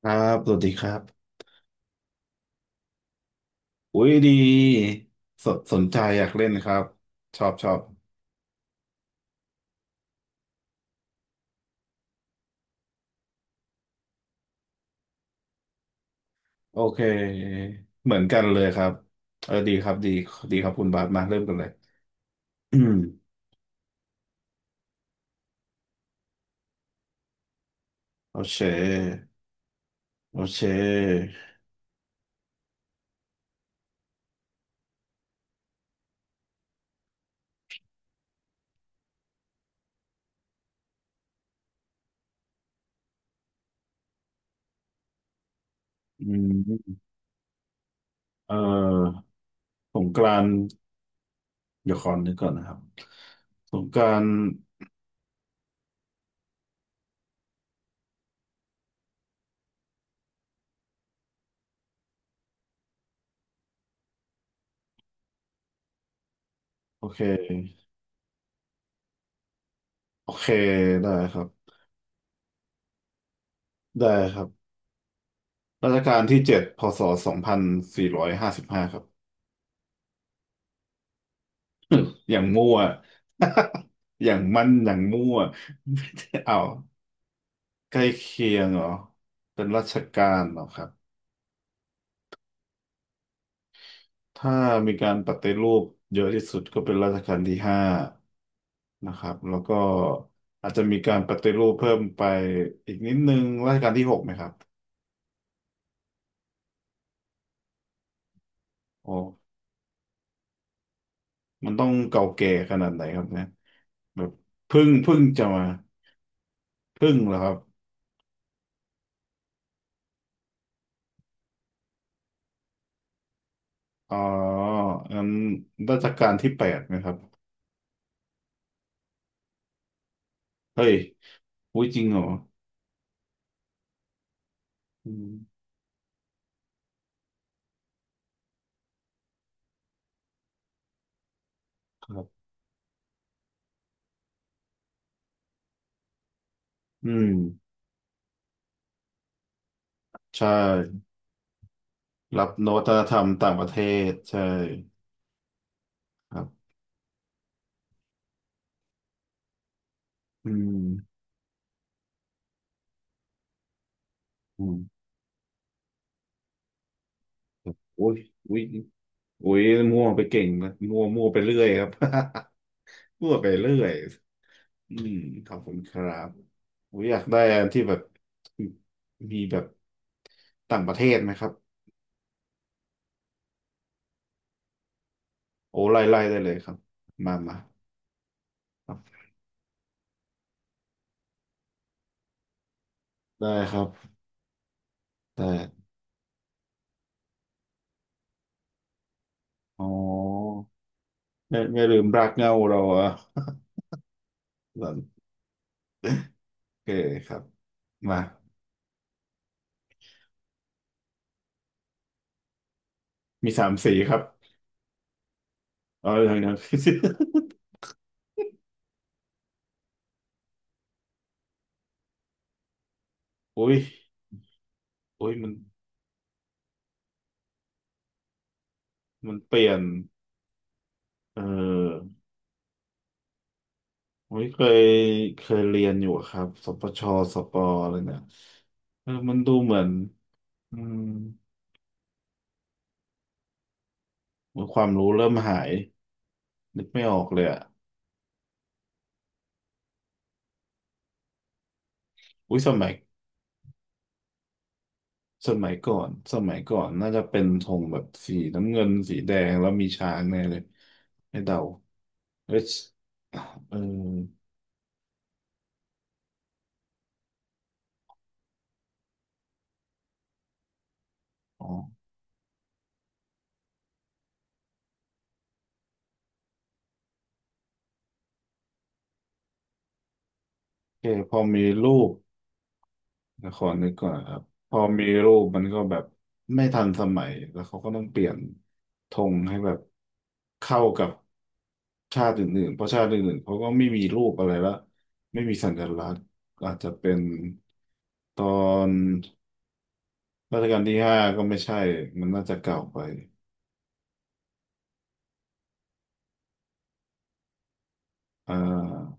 ครับสวัสดีครับอุ้ยดีสนใจอยากเล่นครับ ชอบชอบ โอเค เหมือนกันเลยครับเออดีครับดีดีครับคุณบาสมาเริ่มกันเลยอืมโอเค โอเคอืมเอ่อสงกรานต์เดี๋ยวขอนึกก่อนนะครับสงกรานต์โอเคโอเค ได้ครับได้ครับรัชกาลที่ 7พ.ศ. 2455ครับ อย่างมั่ว อย่างมั่นอย่างมั่ว เอาใกล้เคียงเหรอเป็นราชการเหรอครับถ้ามีการปฏิรูปเยอะที่สุดก็เป็นรัชกาลที่ห้านะครับแล้วก็อาจจะมีการปฏิรูปเพิ่มไปอีกนิดนึงรัชกาลที่ 6ไหมครับโอ้มันต้องเก่าแก่ขนาดไหนครับเนี่ยแบบเพึ่งจะมาเพึ่งเหรอครับอ๋องั้นรัชกาลที่ 8ไหมครับ เฮ้ยอุ้ยจริงเหรออืมครับอืมใช่ รับนวัตกรรมต่างประเทศใช่ครับอืมอืมโอ้ยอุ้ยอุ้ยมั่วไปเก่งนะมั่วมั่วไปเรื่อยครับ มั่วไปเรื่อยอืมขอบคุณครับอุ้ยอยากได้อันที่แบบมีแบบต่างประเทศไหมครับโอ้ไล่ไล่ได้เลยครับมามาครับได้ครับแต่อ๋อไม่ลืมรักเหงาเราอะ เคครับมามีสามสีครับเอาอย่างนั้น อุ้ยอุ้ยมันมันเปลี่ยนเอออุ้ยเคยเคยเรียนอยู่ครับสปชสปอะไรเนี่ยเออมันดูเหมือนอืมเหมือนความรู้เริ่มหายนึกไม่ออกเลยอ่ะอุ้ยสมัยก่อนสมัยก่อนน่าจะเป็นธงแบบสีน้ำเงินสีแดงแล้วมีช้างแน่เลยให้เดาเอยเอออ๋อโอเคพอมีรูป ละครนึกก่อนครับพอมีรูปมันก็แบบไม่ทันสมัยแล้วเขาก็ต้องเปลี่ยนธงให้แบบเข้ากับชาติอื่นๆเพราะชาติอื่นๆเขาก็ไม่มีรูปอะไรละไม่มีสัญลักษณ์อาจจะเป็นตอนรัชกาลที่ห้าก็ไม่ใช่มันน่าจะเก่าไปอ่า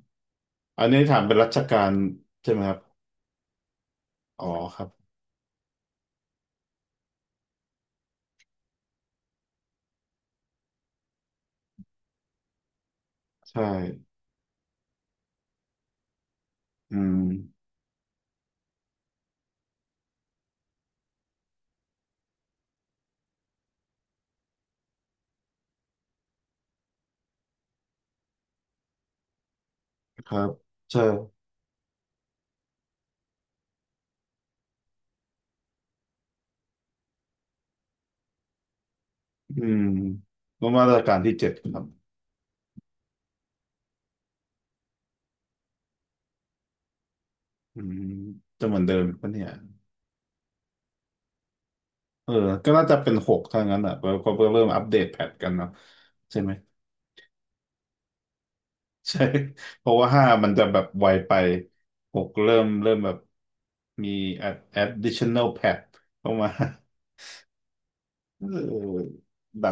อันนี้ถามเป็นรัชกาลใช่ไหมครับอ๋อครับใช่อืมครับใช่อืมประมาณรัชกาลที่เจ็ดครับ อืมจะเหมือนเดิมปะเนี่ยเออก็น่าจะเป็นหกถ้างนั้นอ่ะเพราะเพราะเริ่มอัปเดตแพทกันเนาะใช่ไหมใช่ เพราะว่าห้ามันจะแบบไวไปหกเริ่มแบบมี additional pad เข้ามา เออเดา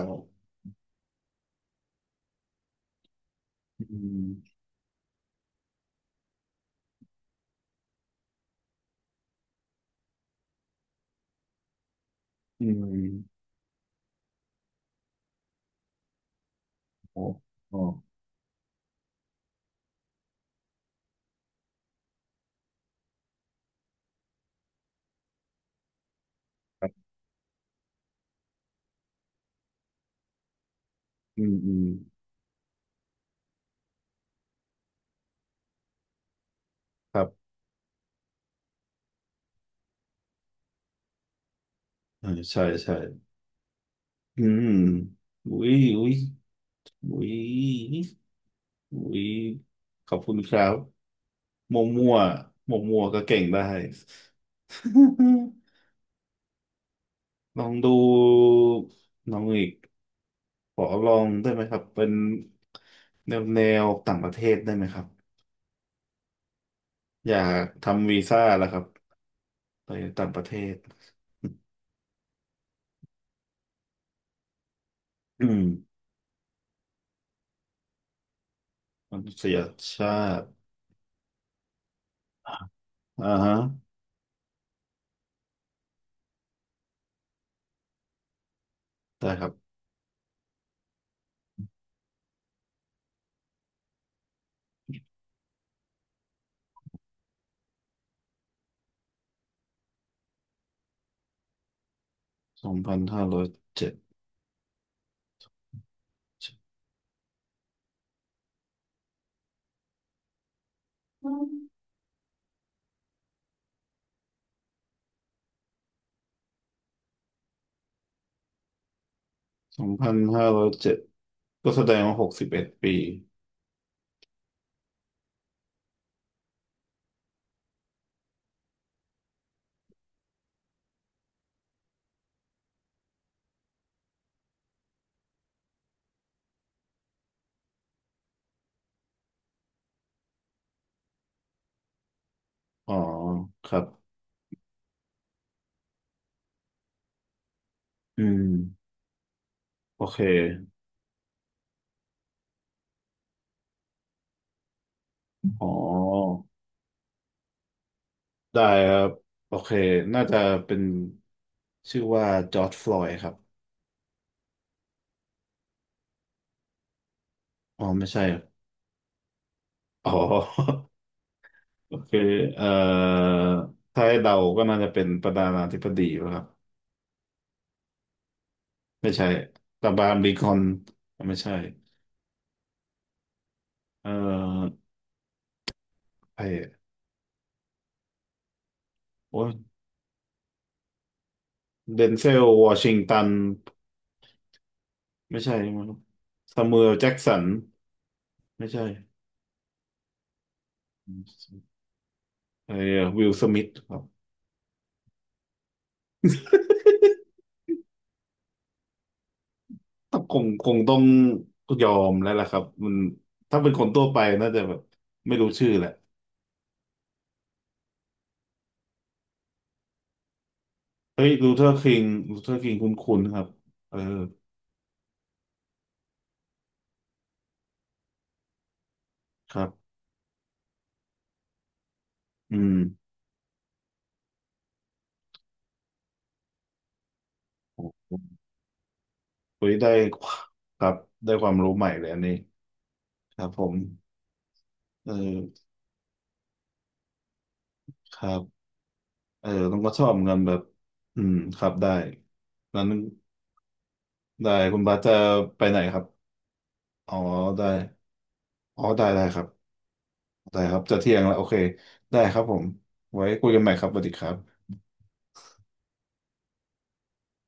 อืมอืมโอ้โอ้ครับอืมอืมครับเออใช่ใช่อืมอุ้ยอุ้ยอุ้ยอุ้ยขอบคุณครับ หมั่วกมั่วหมั่วกมั่วก็เก่งได้ ลองดูน้องอีกขอลองได้ไหมครับเป็นแนวแนวต่างประเทศได้ไหมครับอยากทำวีซ่าแล้วครับไปต่างประเทศอืมมนุษยชาติอ่าฮะได้ครับสองพันห้าร้อยเจ็ดสองพันห้าร้อยเจ็ดก็แสดงว่า61 ปีอ๋อครับอืมโอเคอ๋อ ได้ครับโอเคน่าจะเป็นชื่อว่าจอร์จฟลอยด์ครับอ๋อไม่ใช่ครับอ๋อ โอเคเอ่อถ้าให้เดาก็น่าจะเป็นประธานาธิบดีป่ะครับไม่ใช่ตาบามลิงคอนไม่ใช่เอ่อไอ้โอ้ยเดนเซลวอชิงตันไม่ใช่มั้งซามูเอลแจ็กสันไม่ใช่ไอ้วิลสมิธครับ ต้องคงต้องยอมแล้วล่ะครับมันถ้าเป็นคนทั่วไปน่าจะแบบไม่รู้ชื่อแหละเฮ้ยลูเทอร์คิงลูเทอร์คิงคุ้นๆครับเออครับอืมโอ้โหเฮ้ยได้ครับได้ความรู้ใหม่เลยอันนี้ครับผมเออครับเออต้องก็ชอบเงินแบบอืมครับได้นั้นได้คุณบาสจะไปไหนครับอ๋อได้อ๋อได้ได้ครับได้ครับจะเที่ยงแล้วโอเคได้ครับผมไว้คุยกันใหม่ครับสวัสดีครับ